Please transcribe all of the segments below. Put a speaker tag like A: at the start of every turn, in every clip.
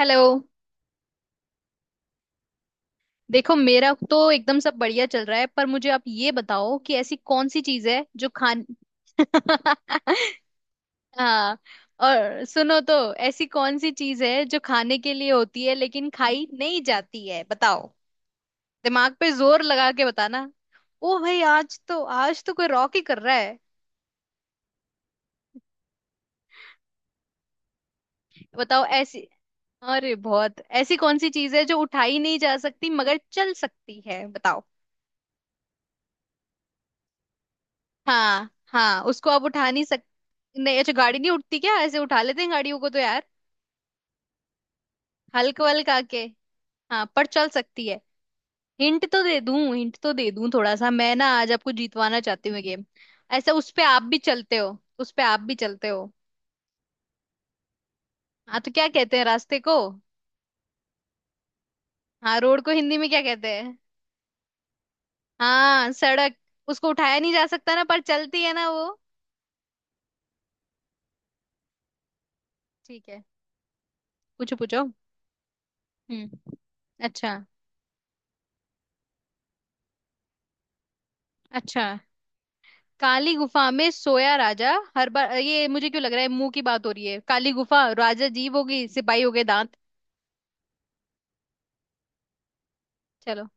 A: Hello. देखो, मेरा तो एकदम सब बढ़िया चल रहा है, पर मुझे आप ये बताओ कि ऐसी कौन सी चीज है जो खान हाँ। और सुनो तो, ऐसी कौन सी चीज है जो खाने के लिए होती है लेकिन खाई नहीं जाती है, बताओ। दिमाग पे जोर लगा के बताना। ओ भाई, आज तो कोई रॉक ही कर रहा है। बताओ ऐसी। अरे बहुत, ऐसी कौन सी चीज है जो उठाई नहीं जा सकती मगर चल सकती है, बताओ। हाँ हाँ, उसको आप उठा नहीं सक। नहीं, अच्छा गाड़ी नहीं उठती क्या, ऐसे उठा लेते हैं गाड़ियों को तो यार। हल्का हल्का के। हाँ, पर चल सकती है। हिंट तो दे दूं थोड़ा सा। मैं ना आज आपको जीतवाना चाहती हूँ गेम। ऐसा, उस पे आप भी चलते हो उस पे आप भी चलते हो। हाँ तो क्या कहते हैं रास्ते को? हाँ, रोड को हिंदी में क्या कहते हैं? हाँ, सड़क। उसको उठाया नहीं जा सकता ना, पर चलती है ना वो। ठीक है। पूछो पूछो। हम्म। अच्छा। अच्छा, काली गुफा में सोया राजा। हर बार ये मुझे क्यों लग रहा है मुंह की बात हो रही है। काली गुफा, राजा जीव होगी, सिपाही हो गए दांत। चलो।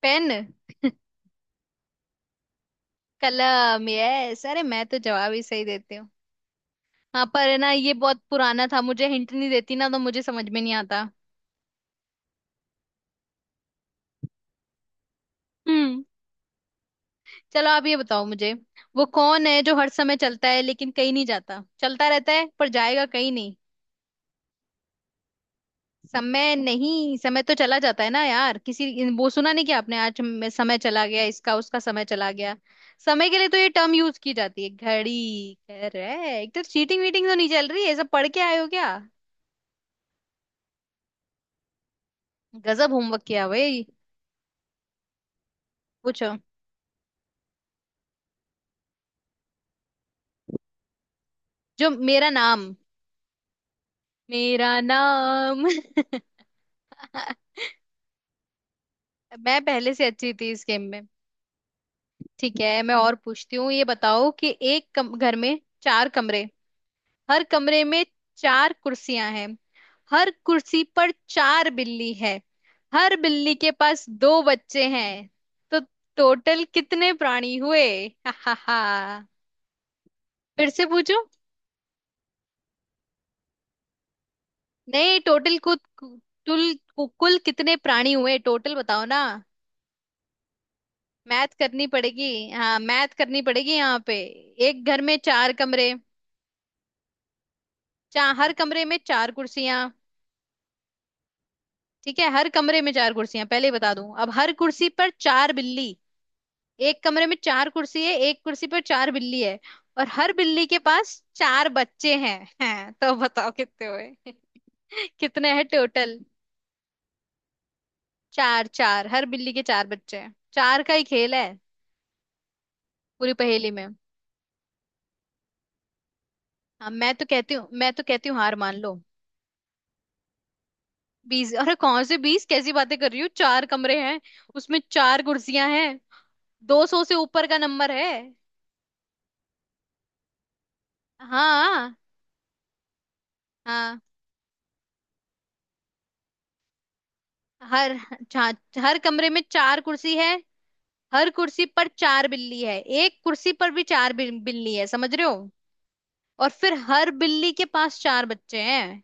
A: पेन। कलम, यस। अरे मैं तो जवाब ही सही देती हूँ। हाँ पर है ना, ये बहुत पुराना था, मुझे हिंट नहीं देती ना तो मुझे समझ में नहीं आता। हम्म। चलो आप ये बताओ मुझे। वो कौन है जो हर समय चलता है लेकिन कहीं नहीं जाता, चलता रहता है पर जाएगा कहीं नहीं। समय नहीं, समय तो चला जाता है ना यार। किसी वो सुना नहीं कि आपने आज में समय चला गया, इसका उसका समय चला गया। समय के लिए तो ये टर्म यूज की जाती है। घड़ी कह रहे, एक तो चीटिंग वीटिंग तो नहीं चल रही है, ये सब पढ़ के आए हो क्या? गजब होमवर्क किया भाई। पूछो। जो मेरा नाम, मेरा नाम। मैं पहले से अच्छी थी इस गेम में। ठीक है, मैं और पूछती हूँ। ये बताओ कि घर में चार कमरे, हर कमरे में चार कुर्सियां हैं, हर कुर्सी पर चार बिल्ली है, हर बिल्ली के पास दो बच्चे हैं, तो टोटल कितने प्राणी हुए? हा हा हा। फिर से पूछूं? नहीं, टोटल, कुल कुल कुल कितने प्राणी हुए, टोटल बताओ ना। मैथ करनी पड़ेगी, हाँ मैथ करनी पड़ेगी यहाँ पे। एक घर में चार कमरे, चार, हर कमरे में चार कुर्सियां। ठीक है, हर कमरे में चार कुर्सियां, पहले ही बता दूं, अब हर कुर्सी पर चार बिल्ली। एक कमरे में चार कुर्सी है, एक कुर्सी पर चार बिल्ली है, और हर बिल्ली के पास चार बच्चे हैं, हैं। तो बताओ कितने हुए? कितने हैं टोटल? चार, चार, हर बिल्ली के चार बच्चे हैं, चार का ही खेल है पूरी पहेली में। हाँ, मैं तो कहती हूँ हार मान लो। 20? अरे कौन से बीस, कैसी बातें कर रही हो? चार कमरे हैं, उसमें चार कुर्सियां हैं। 200 से ऊपर का नंबर है। हाँ। हाँ। हर, हाँ, हर कमरे में चार कुर्सी है, हर कुर्सी पर चार बिल्ली है, एक कुर्सी पर भी चार बिल्ली है, समझ रहे हो? और फिर हर बिल्ली के पास चार बच्चे हैं।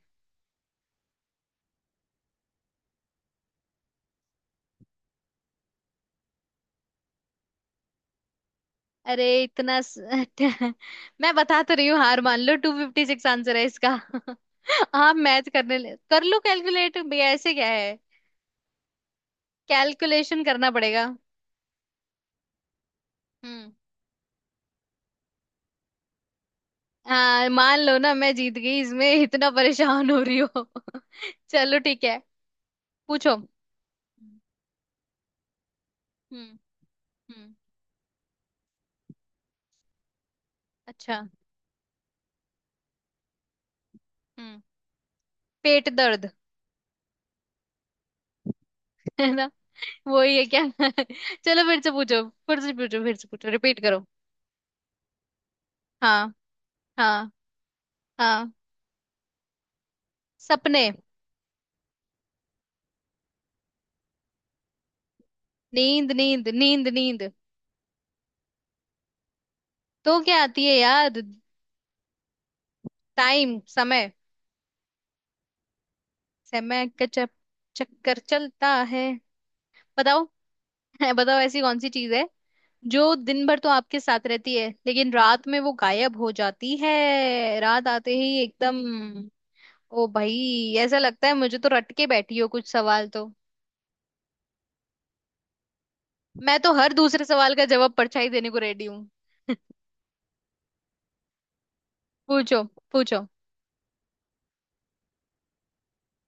A: अरे इतना मैं बता तो रही हूँ, हार मान लो। 256 आंसर है इसका। आप मैच करने ले कर लो, कैलकुलेट भैया ऐसे क्या है। कैलकुलेशन करना पड़ेगा। हम्म। हाँ, मान लो ना मैं जीत गई, इसमें इतना परेशान हो रही हो। चलो ठीक है। पूछो। हम्म। हम्म। हम्म। अच्छा। हम्म। पेट दर्द। है ना? वही है क्या? चलो फिर से पूछो फिर से पूछो फिर से पूछो, रिपीट करो। हाँ। हाँ। हाँ। सपने। नींद नींद नींद नींद। तो क्या आती है याद? टाइम, समय। समय का चक्कर चलता है। बताओ। बताओ, ऐसी कौन सी चीज है जो दिन भर तो आपके साथ रहती है लेकिन रात में वो गायब हो जाती है, रात आते ही एकदम। ओ भाई, ऐसा लगता है मुझे तो रट के बैठी हो कुछ सवाल तो। मैं तो हर दूसरे सवाल का जवाब परछाई देने को रेडी हूँ। पूछो। पूछो।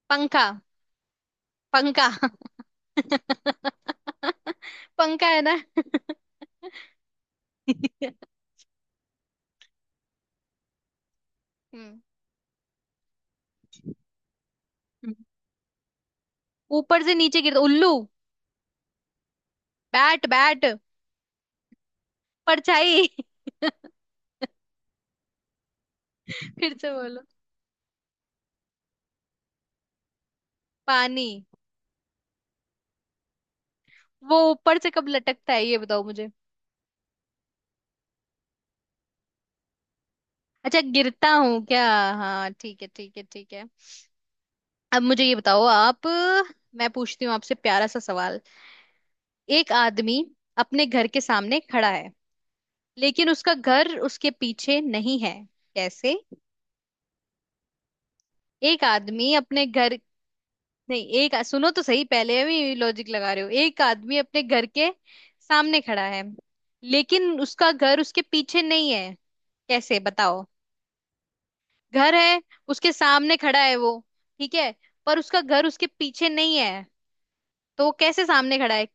A: पंखा। पंखा। पंखा है ना? हम्म। ऊपर से नीचे गिरता, उल्लू। Bat bat. परछाई। फिर से बोलो। पानी। वो ऊपर से कब लटकता है, ये बताओ मुझे। अच्छा, गिरता हूँ क्या? हाँ, ठीक है ठीक है ठीक है। अब मुझे ये बताओ आप, मैं पूछती हूँ आपसे प्यारा सा सवाल। एक आदमी अपने घर के सामने खड़ा है, लेकिन उसका घर उसके पीछे नहीं है। कैसे? एक आदमी अपने घर, नहीं, एक सुनो तो सही, पहले भी लॉजिक लगा रहे हो। एक आदमी अपने घर के सामने खड़ा है, लेकिन उसका घर उसके पीछे नहीं है, कैसे बताओ? घर है उसके सामने, खड़ा है वो, ठीक है, पर उसका घर उसके पीछे नहीं है, तो वो कैसे सामने खड़ा है?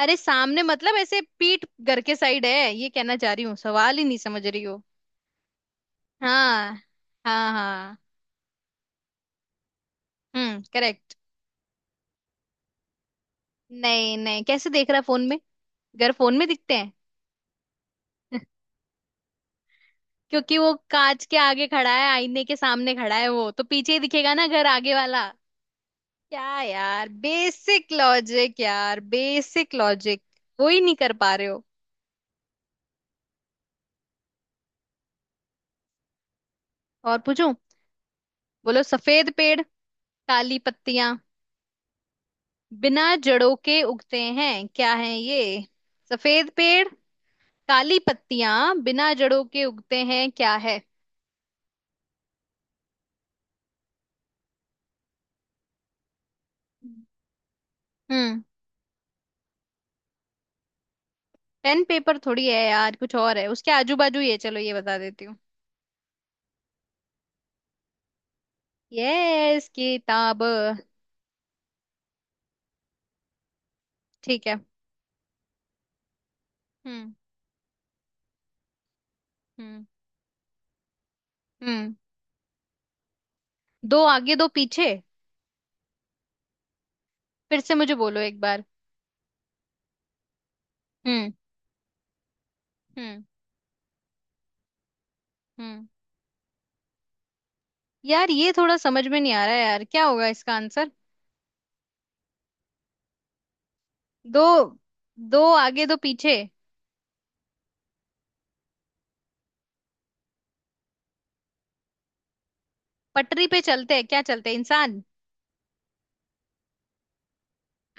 A: अरे सामने मतलब ऐसे पीठ घर के साइड है, ये कहना चाह रही हूँ, सवाल ही नहीं समझ रही हो। हाँ। हाँ हाँ। हम्म, करेक्ट। नहीं नहीं, कैसे देख रहा है फोन में, घर फोन में दिखते हैं? क्योंकि वो कांच के आगे खड़ा है, आईने के सामने खड़ा है वो, तो पीछे ही दिखेगा ना घर आगे वाला। क्या यार, बेसिक लॉजिक यार, बेसिक लॉजिक, कोई नहीं कर पा रहे हो। और पूछूं? बोलो, सफेद पेड़, काली पत्तियां, बिना जड़ों के उगते हैं, क्या है ये? सफेद पेड़, काली पत्तियां, बिना जड़ों के उगते हैं, क्या है? हम्म। पेन पेपर थोड़ी है यार, कुछ और है उसके आजू बाजू, ये चलो ये बता देती हूँ। यस, किताब। ठीक है। हम्म। हम्म। हम्म। दो आगे दो पीछे। फिर से मुझे बोलो एक बार। हम्म। हम्म। हम्म। यार ये थोड़ा समझ में नहीं आ रहा है यार, क्या होगा इसका आंसर? दो, दो आगे दो पीछे। पटरी पे चलते हैं, क्या चलते हैं इंसान?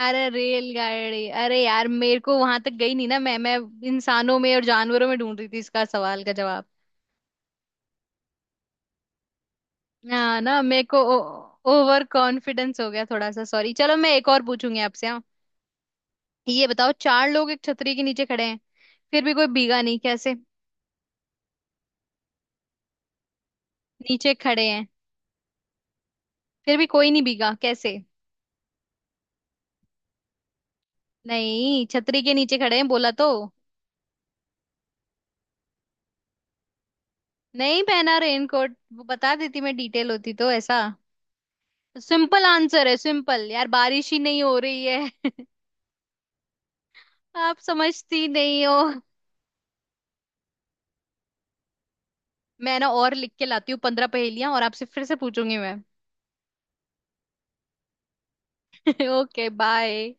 A: अरे रेलगाड़ी, अरे यार मेरे को वहां तक गई नहीं ना। मैं इंसानों में और जानवरों में ढूंढ रही थी इसका सवाल का जवाब। हाँ ना, मेरे को ओवर कॉन्फिडेंस हो गया थोड़ा सा, सॉरी। चलो मैं एक और पूछूंगी आपसे, हाँ? ये बताओ, चार लोग एक छतरी के नीचे खड़े हैं, फिर भी कोई भीगा नहीं, कैसे? नीचे खड़े हैं फिर भी कोई नहीं भीगा, कैसे? नहीं, छतरी के नीचे खड़े हैं बोला तो। नहीं पहना रेनकोट, वो बता देती, मैं डिटेल होती तो ऐसा। सिंपल आंसर है सिंपल यार, बारिश ही नहीं हो रही है। आप समझती नहीं हो। मैं ना और लिख के लाती हूँ 15 पहेलियां, और आपसे फिर से पूछूंगी मैं। Okay bye.